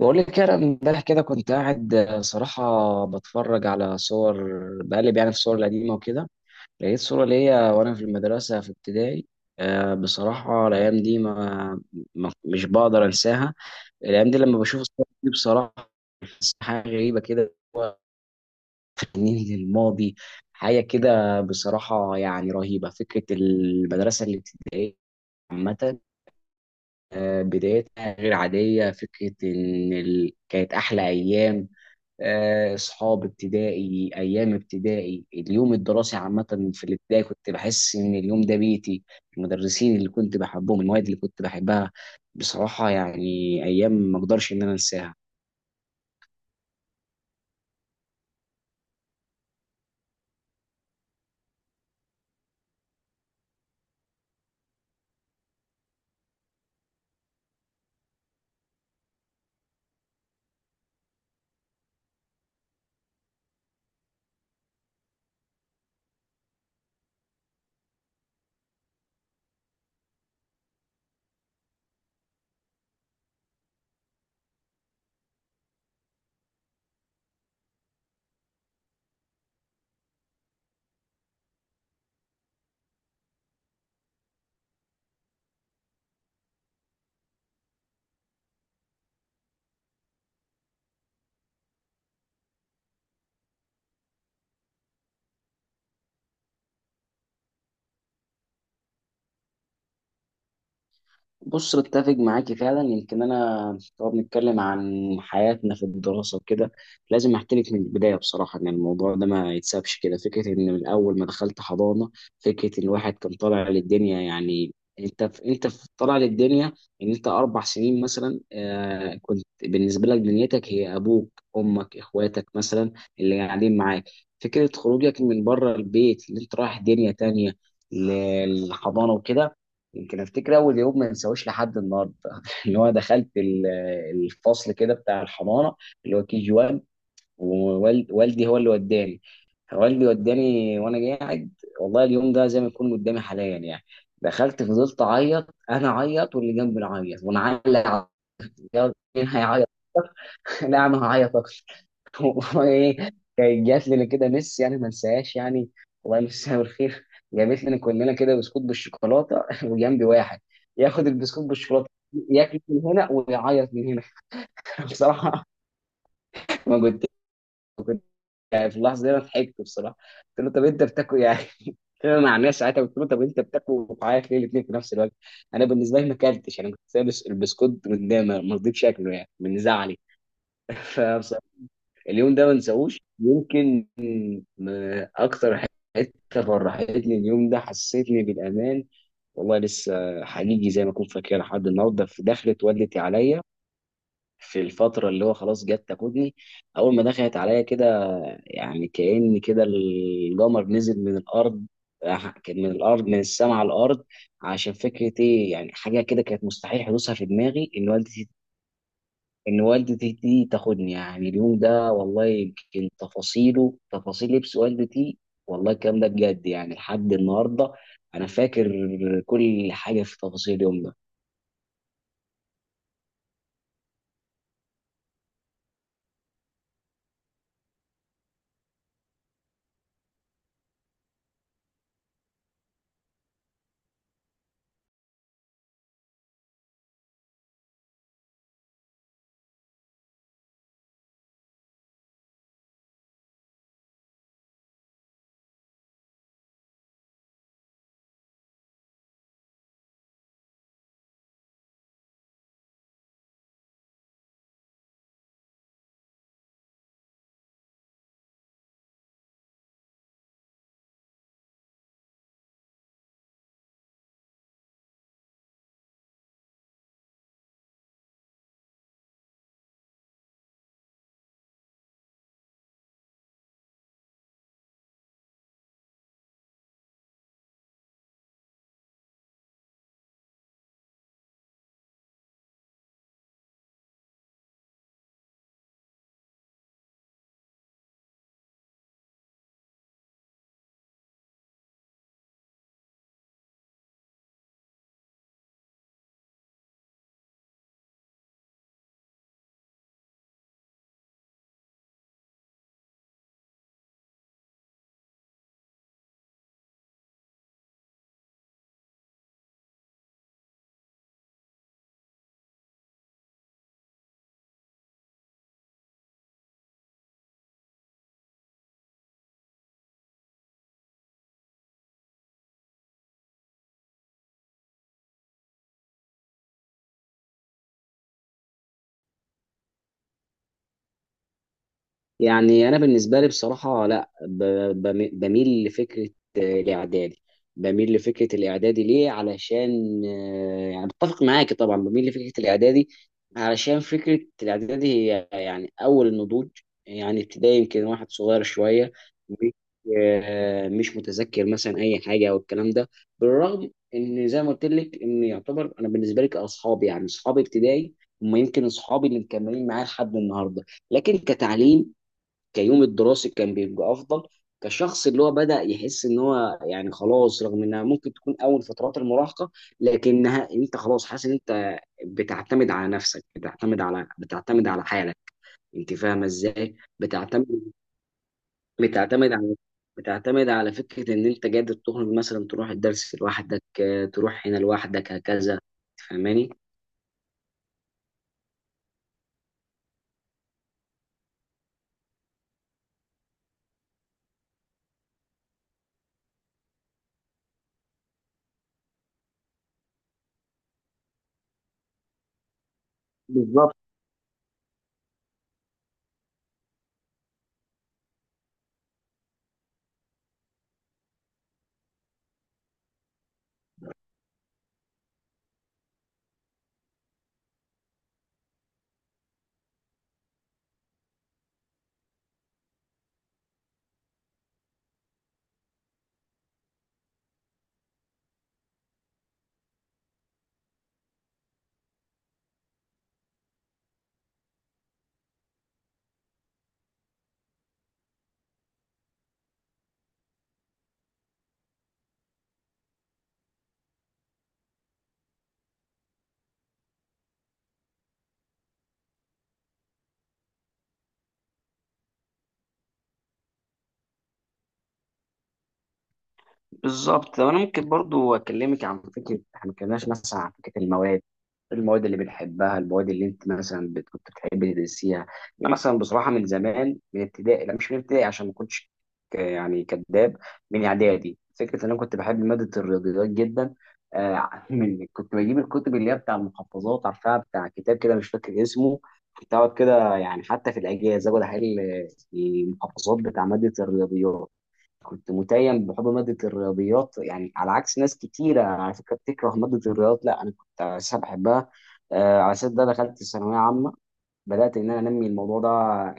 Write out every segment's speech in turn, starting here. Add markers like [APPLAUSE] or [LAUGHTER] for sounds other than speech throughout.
بقول لك انا امبارح كده كنت قاعد صراحة بتفرج على صور، بقلب يعني في الصور القديمة وكده، لقيت صورة ليا وانا في المدرسة في ابتدائي. بصراحة الأيام دي مش بقدر أنساها. الأيام دي لما بشوف الصور دي بصراحة بحس حاجة غريبة كده، هو تحنين للماضي، حاجة كده بصراحة يعني رهيبة. فكرة المدرسة الابتدائية عامة، بدايتها غير عادية، فكرة إن كانت أحلى أيام. اصحاب ابتدائي، ايام ابتدائي، اليوم الدراسي عامه، في الابتدائي كنت بحس ان اليوم ده بيتي، المدرسين اللي كنت بحبهم، المواد اللي كنت بحبها بصراحه يعني، ايام ما اقدرش ان انا انساها. بص، بتفق معاكي فعلا. يمكن انا لو بنتكلم عن حياتنا في الدراسه وكده، لازم احكي لك من البدايه بصراحه ان الموضوع ده ما يتسابش كده. فكره ان من اول ما دخلت حضانه، فكره ان الواحد كان طالع للدنيا يعني، انت في طالع للدنيا. ان انت 4 سنين مثلا كنت بالنسبه لك دنيتك هي ابوك، امك، اخواتك مثلا، اللي قاعدين معاك. فكره خروجك من بره البيت، اللي انت رايح دنيا تانية للحضانه وكده. يمكن افتكر اول يوم ما انساهوش لحد النهارده. [LAUGHS] ان هو دخلت الفصل كده بتاع الحضانه، اللي هو كي جي 1. ووالدي هو اللي وداني. والدي وداني وانا قاعد. والله اليوم ده زي ما يكون قدامي حاليا يعني، دخلت فضلت اعيط، انا اعيط واللي جنبي يعيط، وانا علق على- مين هيعيط؟ [LAUGHS] لا انا هعيط. [LAUGHS] والله ايه، كانت جات لنا كده مس يعني ما انساهاش يعني، الله يمسها بالخير. جابت لنا كلنا كده بسكوت بالشوكولاته. [LAUGHS] وجنبي واحد ياخد البسكوت بالشوكولاته، ياكل من هنا ويعيط من هنا. [LAUGHS] بصراحه، ما كنت يعني في اللحظه دي انا ضحكت بصراحه، قلت له طب انت بتاكل إيه؟ يعني [LAUGHS] انا مع الناس ساعتها. قلت له طب انت بتاكل وبتعيط ليه الاثنين في نفس الوقت؟ انا بالنسبه لي ما اكلتش، انا كنت سايب البسكوت قدامي ما رضيتش اكله يعني من زعلي. [LAUGHS] فبصراحه اليوم ده ما انساهوش، يمكن اكتر حته فرحتني اليوم ده، حسيتني بالامان. والله لسه حقيقي زي ما كنت فاكر لحد النهارده، في دخلت ولت عليا في الفتره اللي هو خلاص جت تاخدني. اول ما دخلت عليا كده يعني كأن كده القمر نزل من الارض. كان من السماء على الارض. عشان فكره ايه يعني، حاجه كده كانت مستحيل حدوثها في دماغي، ان والدتي دي تاخدني يعني. اليوم ده والله يمكن تفاصيله، تفاصيل لبس والدتي، والله الكلام ده بجد يعني لحد النهارده، انا فاكر كل حاجه في تفاصيل اليوم ده. يعني انا بالنسبه لي بصراحه، لا بميل لفكره الاعدادي. بميل لفكره الاعدادي ليه؟ علشان يعني بتفق معاكي طبعا، بميل لفكره الاعدادي علشان فكره الاعدادي هي يعني اول النضوج. يعني ابتدائي يمكن واحد صغير شويه، مش مش متذكر مثلا اي حاجه او الكلام ده، بالرغم ان زي ما قلت لك ان يعتبر انا بالنسبه لي كاصحابي يعني، اصحابي ابتدائي هم يمكن اصحابي اللي مكملين معايا لحد النهارده. لكن كتعليم، كيوم الدراسي كان بيبقى افضل. كشخص اللي هو بدأ يحس ان هو يعني خلاص، رغم انها ممكن تكون اول فترات المراهقة، لكنها انت خلاص حاسس ان انت بتعتمد على نفسك، بتعتمد على حالك. انت فاهمة ازاي؟ بتعتمد على بتعتمد على فكرة ان انت قادر تخرج مثلا، تروح الدرس لوحدك، تروح هنا لوحدك هكذا، فاهماني؟ بالظبط. بالظبط، طب انا ممكن برضو اكلمك عن فكره، احنا ما اتكلمناش مثلا عن فكره المواد، المواد اللي بنحبها، المواد اللي انت مثلا كنت بتحبي تدرسيها. انا مثلا بصراحه من زمان من ابتدائي، لا مش من ابتدائي عشان ما كنتش يعني كذاب، من اعدادي فكره ان انا كنت بحب ماده الرياضيات جدا. [LAUGHS] من كنت بجيب الكتب اللي هي بتاع المحفظات، عارفها بتاع كتاب كده مش فاكر اسمه، كنت اقعد كده يعني حتى في الاجازه اقعد احل المحفظات بتاع ماده الرياضيات. كنت متيم بحب مادة الرياضيات يعني، على عكس ناس كتيرة على فكرة بتكره مادة الرياضيات، لا أنا كنت أساسا بحبها. على أساس ده دخلت الثانوية عامة، بدأت إن أنا أنمي الموضوع ده،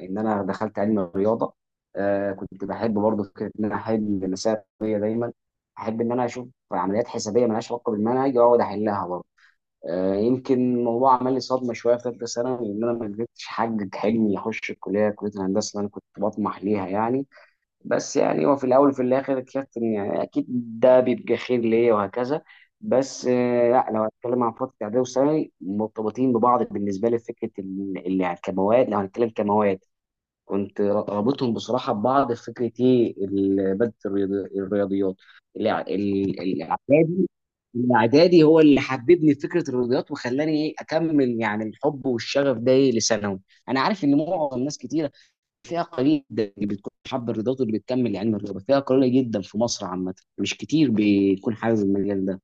إن أنا دخلت علم الرياضة. كنت بحب برضه فكرة إن أنا أحل مسائل رياضية دايما، أحب إن أنا أشوف عمليات حسابية مالهاش علاقة بالمنهج وأقعد أحلها برضه. يمكن الموضوع عمل لي صدمة شوية في ثالثة ثانوي، إن أنا ما قدرتش أحقق حلمي، أخش الكلية كلية الهندسة اللي أنا كنت بطمح ليها يعني. بس يعني هو في الاول وفي الاخر اكتشفت ان يعني اكيد ده بيبقى خير ليا وهكذا. بس لا لو هتكلم عن فتره اعدادي وثانوي مرتبطين ببعض بالنسبه لي، في فكره اللي يعني كمواد، لو هنتكلم كمواد كنت رابطهم بصراحه ببعض، في فكره ايه، ماده الرياضيات، الاعدادي. الاعدادي هو اللي حببني في فكره الرياضيات وخلاني ايه اكمل يعني الحب والشغف ده إيه لثانوي. انا عارف ان معظم ناس كتير، فئة قليلة جدًا اللي بتكون حابة الرياضات واللي بتكمل لعلم الرياضة، فئة قليلة جدًا في مصر عامةً، مش كتير بيكون حابب المجال ده.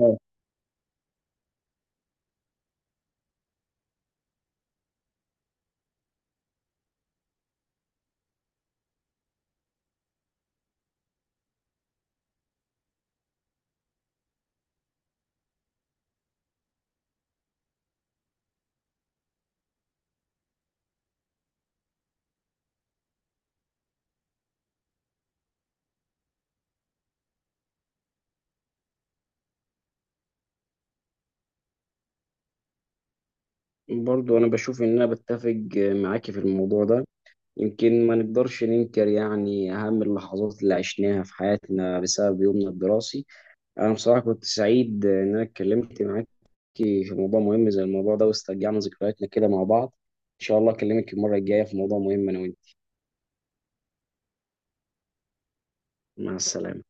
آه، برضه أنا باشوف إن أنا باتفق معاك في الموضوع ده، يمكن ما نقدرش ننكر يعني أهم اللحظات اللي عشناها في حياتنا بسبب يومنا الدراسي. أنا بصراحة كنت سعيد إن أنا اتكلمت معاك في موضوع مهم زي الموضوع ده، واسترجعنا ذكرياتنا كده مع بعض. إن شاء الله أكلمك المرة الجاية في موضوع مهم أنا وأنت. مع السلامة.